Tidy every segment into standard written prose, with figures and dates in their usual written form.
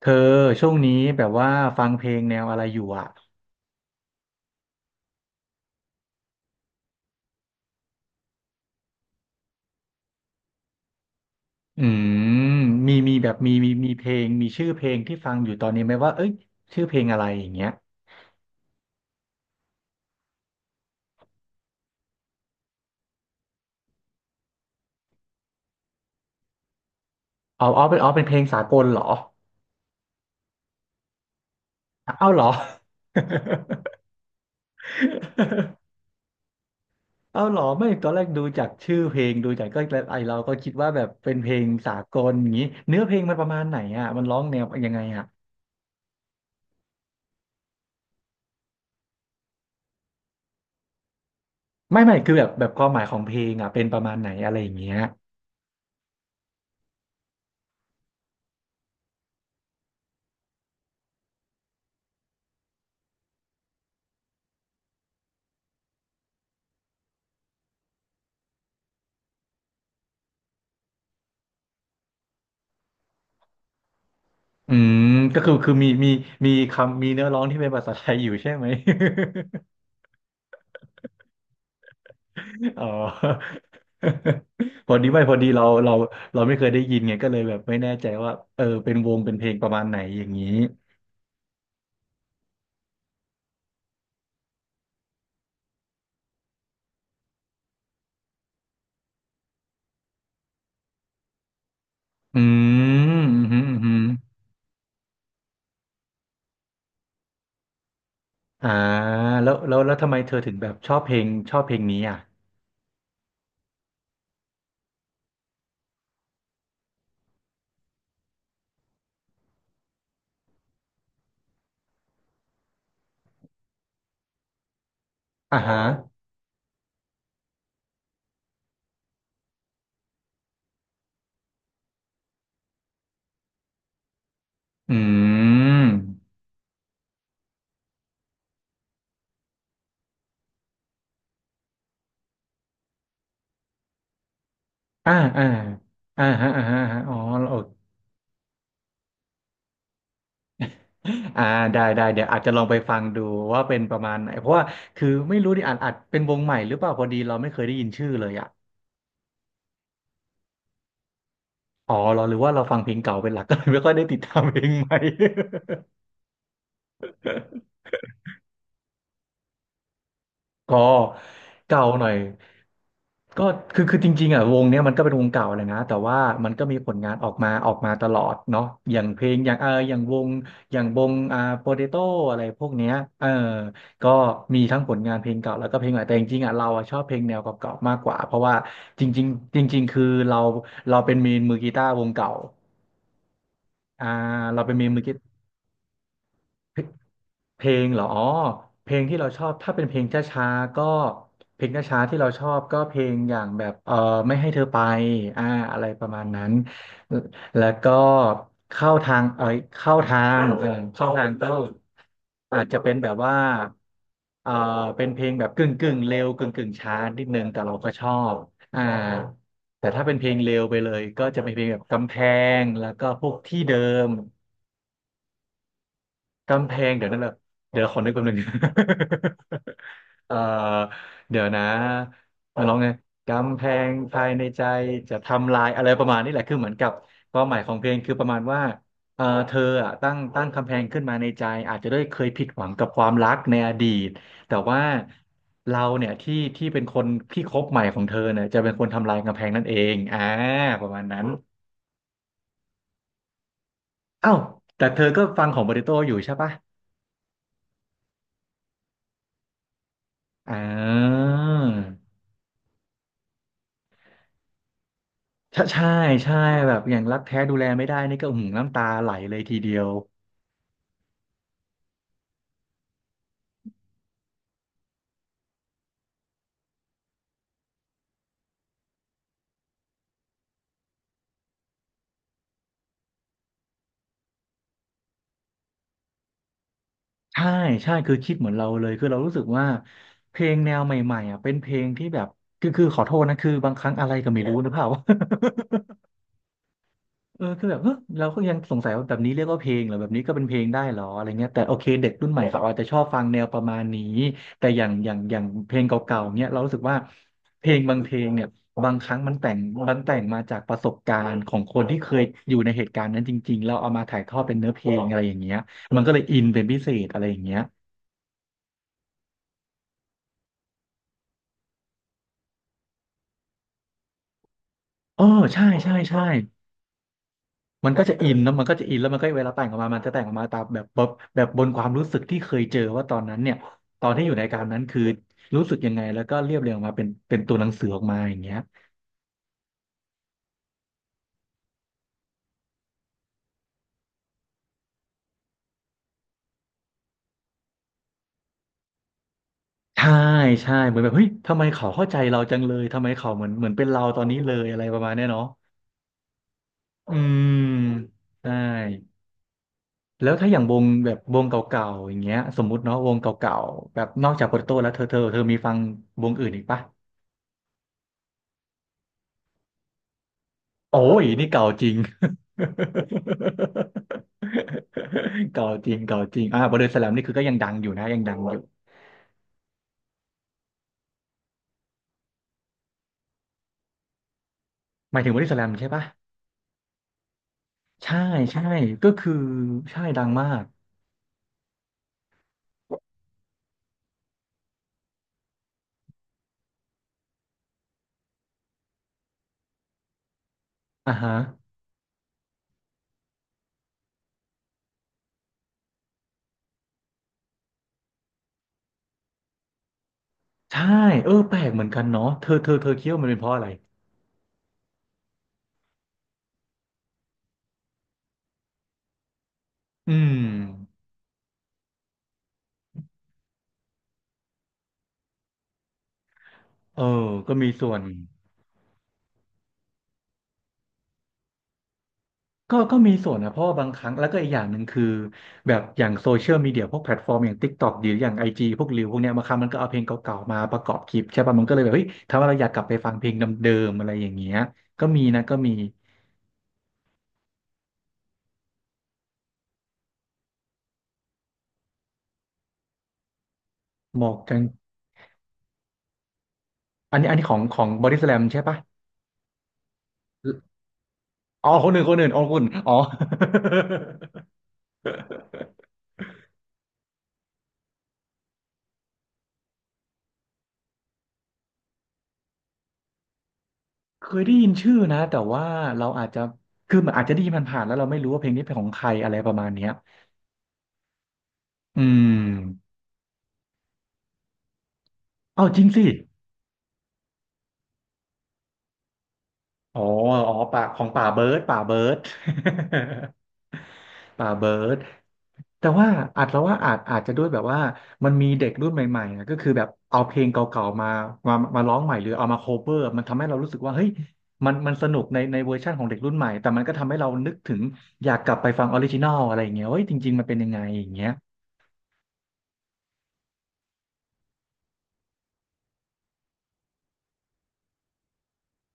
เธอช่วงนี้แบบว่าฟังเพลงแนวอะไรอยู่อ่ะอืมมีมีแบบมีมีมีเพลงมีชื่อเพลงที่ฟังอยู่ตอนนี้ไหมว่าเอ้ยชื่อเพลงอะไรอย่างเงี้ยเอาเป็นเพลงสากลเหรอเอาเหรอ เอาเหรอไม่ตอนแรกดูจากชื่อเพลงดูจากก็ไอเราก็คิดว่าแบบเป็นเพลงสากลอย่างงี้เนื้อเพลงมันประมาณไหนอ่ะมันร้องแนวยังไงอ่ะไม่คือแบบความหมายของเพลงอ่ะเป็นประมาณไหนอะไรอย่างเงี้ย อืมก็คือมีคำมีเนื้อร้องที่เป็นภาษาไทยอยู่ใช่ไหม อ๋อ พอดีไม่พอดีเราไม่เคยได้ยินไงก็เลยแบบไม่แน่ใจว่าเออเป็นวงเป็นเพลงประมาณไหนอย่างนี้อือืมอ่าแล้วทำไมเธอถึงแบบชอบเพลงชอบเพลงนี้อ่ะอ่าฮะอืมอ่าอ่าอ่าฮะอ่าฮะอ่าฮะอ๋อโอเค อ่าได้เดี๋ยวอาจจะลองไปฟังดูว่าเป็นประมาณไหนเพราะว่าคือไม่รู้ดิอาจเป็นวงใหม่หรือเปล่าพอดีเราไม่เคยได้ยินชื่อเลยอ่ะอ๋อเราหรือว่าเราฟังเพลงเก่าเป็นหลักก็เลยไม่ค่อยได้ติดตามเพลงใหม่ ก็เก่าหน่อย ก็คือจริงๆอ่ะวงเนี้ยมันก็เป็นวงเก่าเลยนะแต่ว่ามันก็มีผลงานออกมาตลอดเนาะอย่างเพลงอย่างเอออย่างวงอย่างวงโปเตโต้อะไรพวกเนี้ยเออก็มีทั้งผลงานเพลงเก่าแล้วก็เพลงใหม่แต่จริงๆอ่ะเราอ่ะชอบเพลงแนวเก่าๆมากกว่าเพราะว่าจริงๆจริงๆคือเราเราเป็นเมนมือกีตาร์วงเก่าอ่าเราเป็นเมนมือกีตาร์ เพลงเหรออ๋อเพลงที่เราชอบถ้าเป็นเพลงช้าๆก็เพลงช้าๆที่เราชอบก็เพลงอย่างแบบเออไม่ให้เธอไปอ่าอะไรประมาณนั้นแล้วก็เข้าทางเออเข้าทางเออเข้าทางก็อาจจะเป็นแบบว่าเออเป็นเพลงแบบกึ่งเร็วกึ่งช้านิดนึงแต่เราก็ชอบอ่าแต่ถ้าเป็นเพลงเร็วไปเลยก็จะเป็นเพลงแบบกำแพงแล้วก็พวกที่เดิม กำแพงเดี๋ยวนั่นแหละเดี๋ยวขอนึกแป๊บนึง เอ่อเดี๋ยวนะมาลองไงกำแพงภายในใจจะทำลายอะไรประมาณนี้แหละคือเหมือนกับความหมายของเพลงคือประมาณว่าเออเธออ่ะตั้งกำแพงขึ้นมาในใจอาจจะด้วยเคยผิดหวังกับความรักในอดีตแต่ว่าเราเนี่ยที่เป็นคนที่คบใหม่ของเธอเนี่ยจะเป็นคนทำลายกำแพงนั่นเองอ่าประมาณนั้นเอ้าแต่เธอก็ฟังของโปเตโต้อยู่ใช่ปะอ่า ใช่ใช่ใช่แบบอย่างรักแท้ดูแลไม่ได้นี่ก็หึงน้ำตาไหลเลยทีเดียวใช่ใช่คือคิดเหมือนเราเลยคือเรารู้สึกว่าเพลงแนวใหม่ๆอ่ะเป็นเพลงที่แบบคือขอโทษนะคือบางครั้งอะไรก็ไม่รู้นะเปล่า เออคือแบบเฮ้ยเราก็ยังสงสัยว่าแบบนี้เรียกว่าเพลงเหรอแบบนี้ก็เป็นเพลงได้เหรออะไรเงี้ยแต่โอเคเด็กรุ่นใหม่เขาอาจจะชอบฟังแนวประมาณนี้แต่อย่างเพลงเก่าๆเนี้ยเรารู้สึกว่าเพลงบางเพลงเนี่ยบางครั้งมันแต่งมันแต่งมาจากประสบการณ์ของคนที่เคยอยู่ในเหตุการณ์นั้นจริงๆเราเอามาถ่ายทอดเป็นเนื้อเพลงอะไรอย่างเงี้ยมันก็เลยอินเป็นพิเศษอะไรอย่างเงี้ยเออใช่ มันก็จะอินแล้วมันก็จะอินแล้วมันก็เวลาแต่งออกมามันจะแต่งออกมาตามแบบบนความรู้สึกที่เคยเจอว่าตอนนั้นเนี่ยตอนที่อยู่ในการนั้นคือรู้สึกยังไงแล้วก็เรียบเรียงออกมาเป็นตัวหนังสือออกมาอย่างเงี้ยใช่ใช่เหมือนแบบเฮ้ยทำไมเขาเข้าใจเราจังเลยทำไมเขาเหมือนเป็นเราตอนนี้เลยอะไรประมาณเนี้ยเนาะอืมใช่แล้วถ้าอย่างวงแบบวงเก่าๆอย่างเงี้ยสมมุติเนาะวงเก่าๆแบบนอกจากโปเตโต้แล้วเธอมีฟังวงอื่นอีกปะ โอ้ยนี่เก่าจริง เก่าจริงเก่าจริงบอดี้สแลมนี่คือก็ยังดังอยู่นะยังดังอยู่หมายถึงบอดี้สแลมใช่ปะใช่ใช่ก็คือใช่ดังมากอ่าฮะใช่เออแปลกเหมือนกันเนาะเธอคิดว่ามันเป็นเพราะอะไรอืมเออก็มีส่วน ก็มีส่วนนะเพราะว่าบางครั้งแล้วก็อีกอย่างหนึ่งคือแบบอย่างโซเชียลมีเดียพวกแพลตฟอร์มอย่าง TikTok หรืออย่าง IG พวกรีวพวกเนี้ยบางครั้งมันก็เอาเพลงเก่าๆมาประกอบคลิปใช่ป่ะมันก็เลยแบบเฮ้ยทำให้เราอยากกลับไปฟังเพลงเดิมๆอะไรอย่างเงี้ยก็มีนะก็มีหมอกกันอันนี้อันนี้ของบอดี้สแลมใช่ป่ะอ๋อคนหนึ่งอ๋อคุณอ๋อ เคยได้ยินชื่อนะแต่ว่าเราอาจจะคือมันอาจจะได้ยินผ่านๆแล้วเราไม่รู้ว่าเพลงนี้เป็นของใครอะไรประมาณเนี้ยอืมเอาจริงสิ อ๋ออ๋อป่าของป่าเบิร์ด ป่าเบิร์ดแต่ว่าอาจแล้วว่าอาจจะด้วยแบบว่ามันมีเด็กรุ่นใหม่ๆนะก็คือแบบเอาเพลงเก่าๆมาร้องใหม่หรือเอามาโคเวอร์มันทำให้เรารู้สึกว่าเฮ้ยมันสนุกในเวอร์ชันของเด็กรุ่นใหม่แต่มันก็ทำให้เรานึกถึงอยากกลับไปฟังออริจินอลอะไรอย่างเงี้ยเฮ้ยจริงๆมันเป็นยังไงอย่างเงี้ย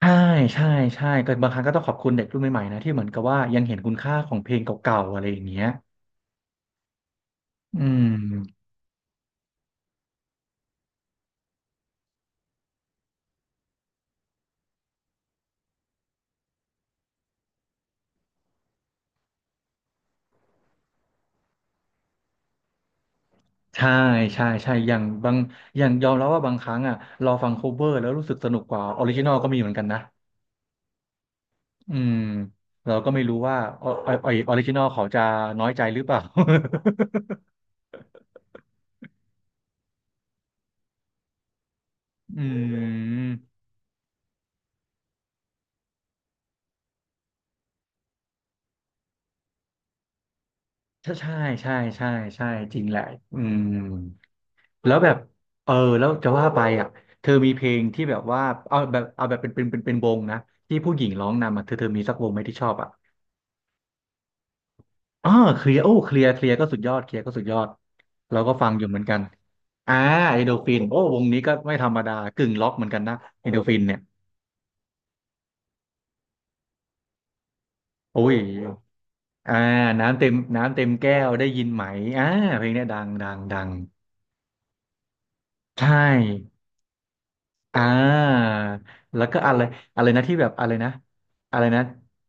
ใช่ใช่ใช่ก็บางครั้งก็ต้องขอบคุณเด็กรุ่นใหม่ๆนะที่เหมือนกับว่ายังเห็นคุณค่าของเพลงเก่าๆอะไรอย่างเงี้ยอืม ใช่ใช่ใช่อย่างบางอย่างยอมรับว่าบางครั้งอ่ะเราฟังโคเวอร์แล้วรู้สึกสนุกกว่าออริจินอลก็มีเหมือนกันนะอืมเราก็ไม่รู้ว่าออริจินอลเขาจะน้อยใจหรือเปล่า อืมใช่ใช่ใช่ใช่ใช่จริงแหละอืมแล้วแบบเออแล้วจะว่าไปอ่ะเธอมีเพลงที่แบบว่าเอาแบบเอาแบบเป็นวงนะที่ผู้หญิงร้องนำอ่ะเธอมีสักวงไหมที่ชอบอ่ะ อ่าเคลียร์โอ้เคลียร์ก็สุดยอดเคลียร์ก็สุดยอดเราก็ฟังอยู่เหมือนกันอ่าเอโดฟินโอ้วงนี้ก็ไม่ธรรมดากึ่งล็อกเหมือนกันนะเอโดฟินเนี่ยโอ้ยอ่าน้ำเต็มน้ำเต็มแก้วได้ยินไหมอ่าเพลงเนี้ยดังใช่อ่าแล้วก็อะไรอะไรนะที่แบบอะไรนะอะไรนะ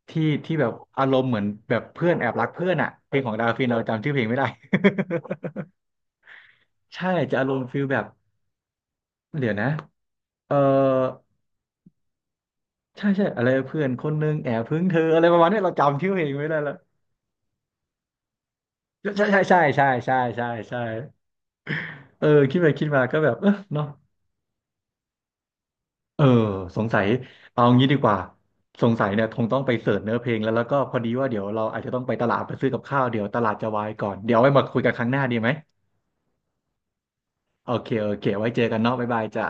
ที่แบบอารมณ์เหมือนแบบเพื่อนแอบรักเพื่อนอะเพลงของดาฟินเราจำชื่อเพลงไม่ได้ ใช่จะอารมณ์ฟิลแบบเดี๋ยวนะเออ ใช่ใช่อะไรเพื่อนคนนึงแอบพึ่งเธออะไรประมาณเนี้ยเราจำชื่อเพลงไม่ได้แล้วใช่ใช่ใช่ใช่ใช่ใช่ใช่เออคิดไปคิดมาก็แบบเออเนาะเออสงสัยเอางี้ดีกว่าสงสัยเนี่ยคงต้องไปเสิร์ชเนื้อเพลงแล้วแล้วก็พอดีว่าเดี๋ยวเราอาจจะต้องไปตลาดไปซื้อกับข้าวเดี๋ยวตลาดจะวายก่อนเดี๋ยวเอาไว้มาคุยกันครั้งหน้าดีไหมโอเคโอเคไว้เจอกันเนาะบ๊ายบายจ้ะ